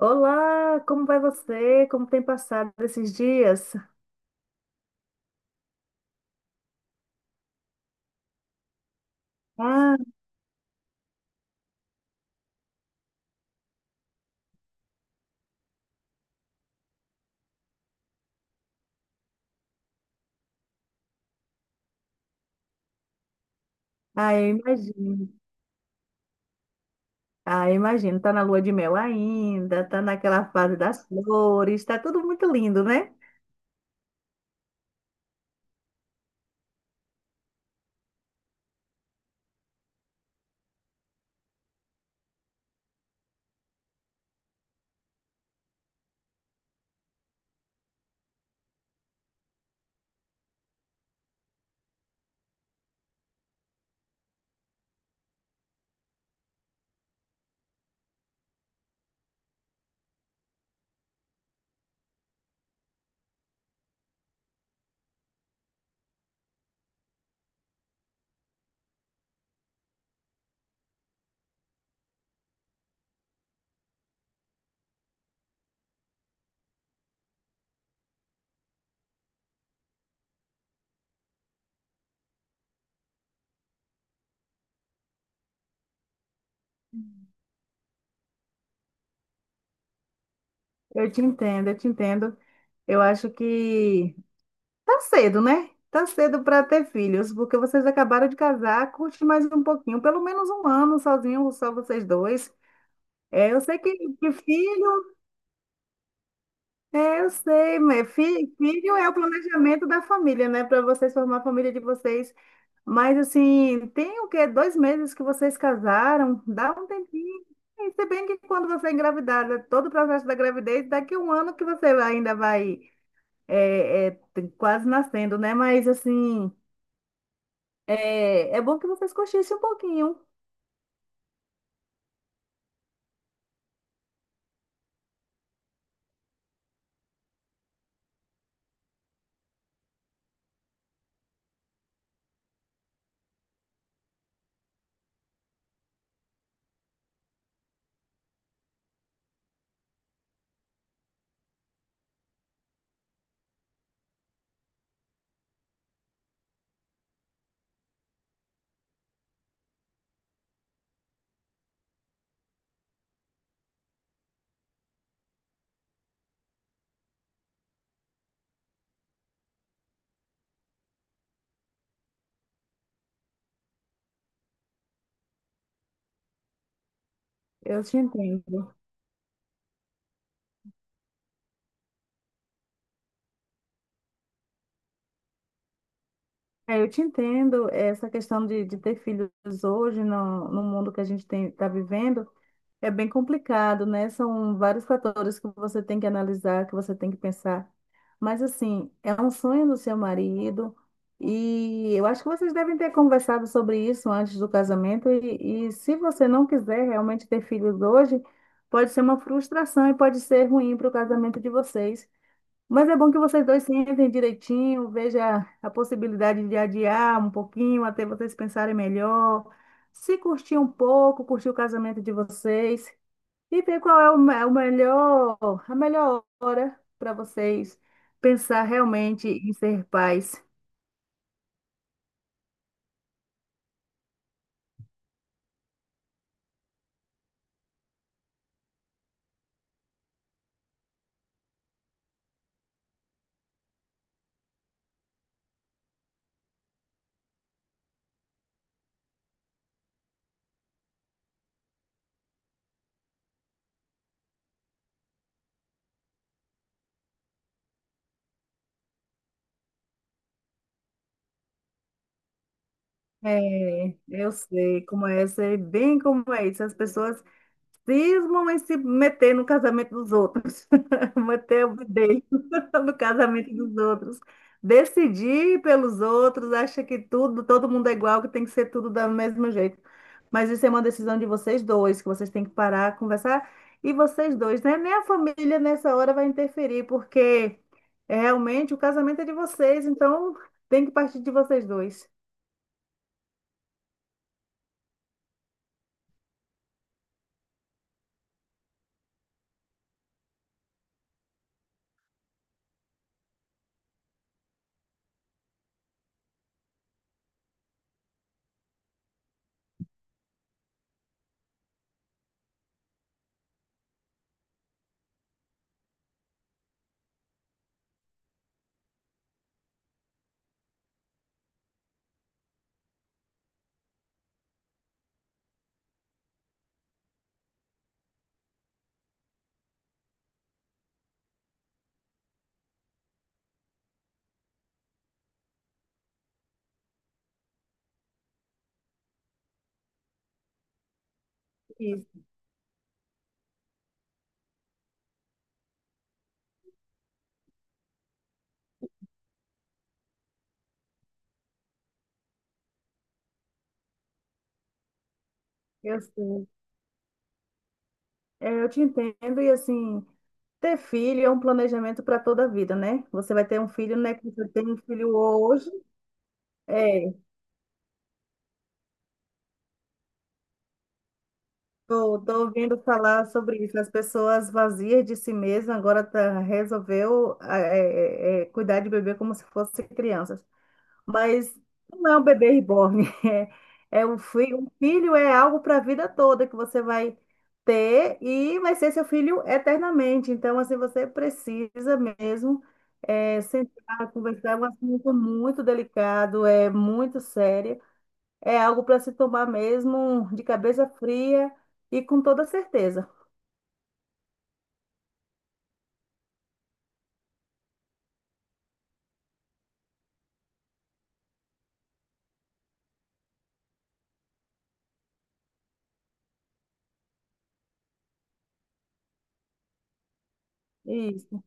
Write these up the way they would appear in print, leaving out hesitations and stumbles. Olá, como vai você? Como tem passado esses dias? Ah, eu imagino. Ah, eu imagino. Tá na lua de mel ainda, tá naquela fase das flores, tá tudo muito lindo, né? Eu te entendo, eu te entendo. Eu acho que tá cedo, né? Tá cedo para ter filhos, porque vocês acabaram de casar, curte mais um pouquinho, pelo menos um ano sozinho, só vocês dois. É, eu sei que filho É, eu sei, mas filho é o planejamento da família, né? Para vocês formar a família de vocês. Mas assim, tem o quê? Dois meses que vocês casaram? Dá um tempinho. E se bem que quando você é engravidada, todo o processo da gravidez, daqui a um ano que você ainda vai quase nascendo, né? Mas assim, é, é bom que vocês cochichem um pouquinho. Eu te entendo. É, eu te entendo essa questão de ter filhos hoje no mundo que a gente tem, está vivendo. É bem complicado, né? São vários fatores que você tem que analisar, que você tem que pensar. Mas, assim, é um sonho do seu marido e eu acho que vocês devem ter conversado sobre isso antes do casamento. E se você não quiser realmente ter filhos hoje, pode ser uma frustração e pode ser ruim para o casamento de vocês. Mas é bom que vocês dois se entendem direitinho, veja a possibilidade de adiar um pouquinho até vocês pensarem melhor, se curtir um pouco, curtir o casamento de vocês. E ver qual é o melhor, a melhor hora para vocês pensar realmente em ser pais. É, eu sei como é, sei bem como é isso. As pessoas cismam em se meter no casamento dos outros, meter o bedelho no casamento dos outros, decidir pelos outros, acha que tudo, todo mundo é igual, que tem que ser tudo do mesmo jeito. Mas isso é uma decisão de vocês dois, que vocês têm que parar, conversar, e vocês dois, né? Nem a família nessa hora vai interferir, porque é realmente o casamento é de vocês, então tem que partir de vocês dois. Isso. Eu É, eu te entendo, e assim, ter filho é um planejamento para toda a vida, né? Você vai ter um filho, né? Que você tem um filho hoje. É, tô, tô ouvindo falar sobre isso. As pessoas vazias de si mesmas agora tá, resolveu ah, cuidar de bebê como se fosse crianças. Mas não é um bebê reborn. É, é um filho. Um filho é algo para a vida toda que você vai ter e vai ser seu filho eternamente. Então, assim, você precisa mesmo sentar, conversar. É um assunto muito delicado, é muito sério. É algo para se tomar mesmo de cabeça fria e com toda certeza. Isso,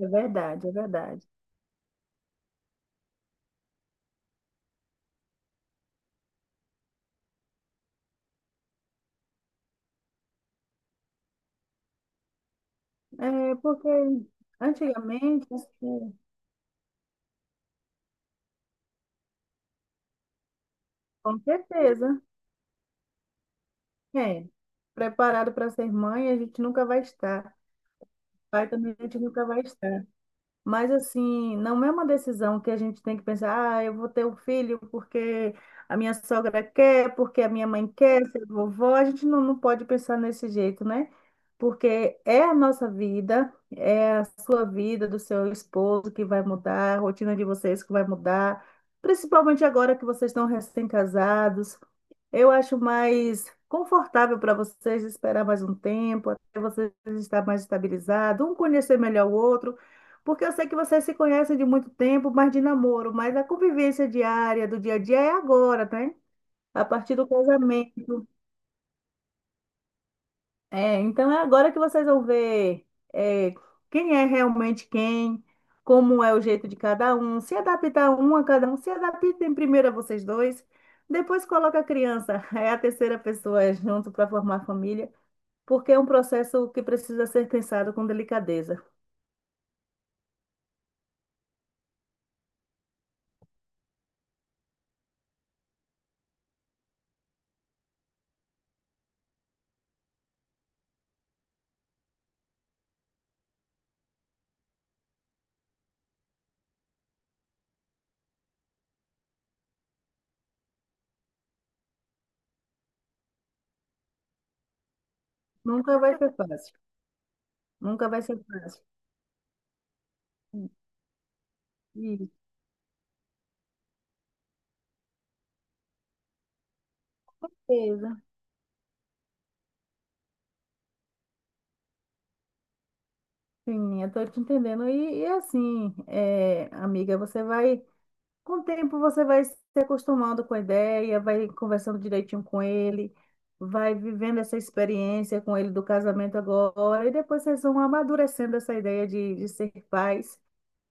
é verdade, é verdade. É porque antigamente, assim, com certeza. É, preparado para ser mãe, a gente nunca vai estar. Pai também a gente nunca vai estar. Mas assim, não é uma decisão que a gente tem que pensar, ah, eu vou ter um filho porque a minha sogra quer, porque a minha mãe quer, ser vovó. A gente não, não pode pensar nesse jeito, né? Porque é a nossa vida, é a sua vida, do seu esposo que vai mudar, a rotina de vocês que vai mudar, principalmente agora que vocês estão recém-casados. Eu acho mais confortável para vocês esperar mais um tempo, até vocês estar mais estabilizados, um conhecer melhor o outro, porque eu sei que vocês se conhecem de muito tempo, mas de namoro, mas a convivência diária, do dia a dia é agora, né? A partir do casamento. É, então é agora que vocês vão ver é, quem é realmente quem, como é o jeito de cada um, se adaptar um a cada um, se adaptem primeiro a vocês dois, depois coloca a criança, é a terceira pessoa junto para formar família, porque é um processo que precisa ser pensado com delicadeza. Nunca vai ser fácil, nunca vai ser fácil. Isso, beleza. Sim, eu tô te entendendo. E assim, é, amiga, você vai. Com o tempo você vai se acostumando com a ideia, vai conversando direitinho com ele, vai vivendo essa experiência com ele do casamento agora, e depois vocês vão amadurecendo essa ideia de ser pais,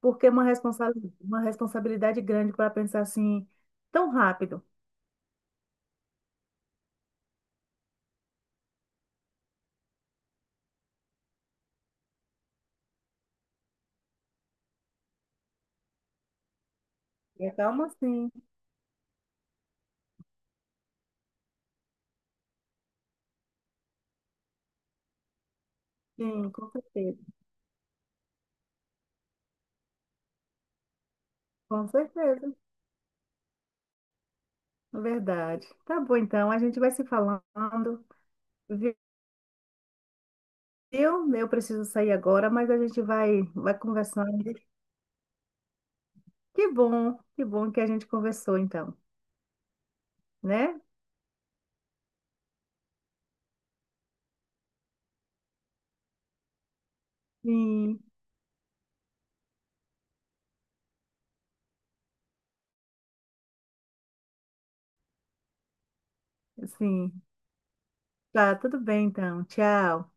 porque é uma uma responsabilidade grande para pensar assim tão rápido. É. Calma, sim, sim, com certeza, é verdade. Tá bom, então, a gente vai se falando, viu? Eu preciso sair agora, mas a gente vai, vai conversando. Que bom, que bom que a gente conversou então, né? Sim, sim. Tá, tudo bem então. Tchau.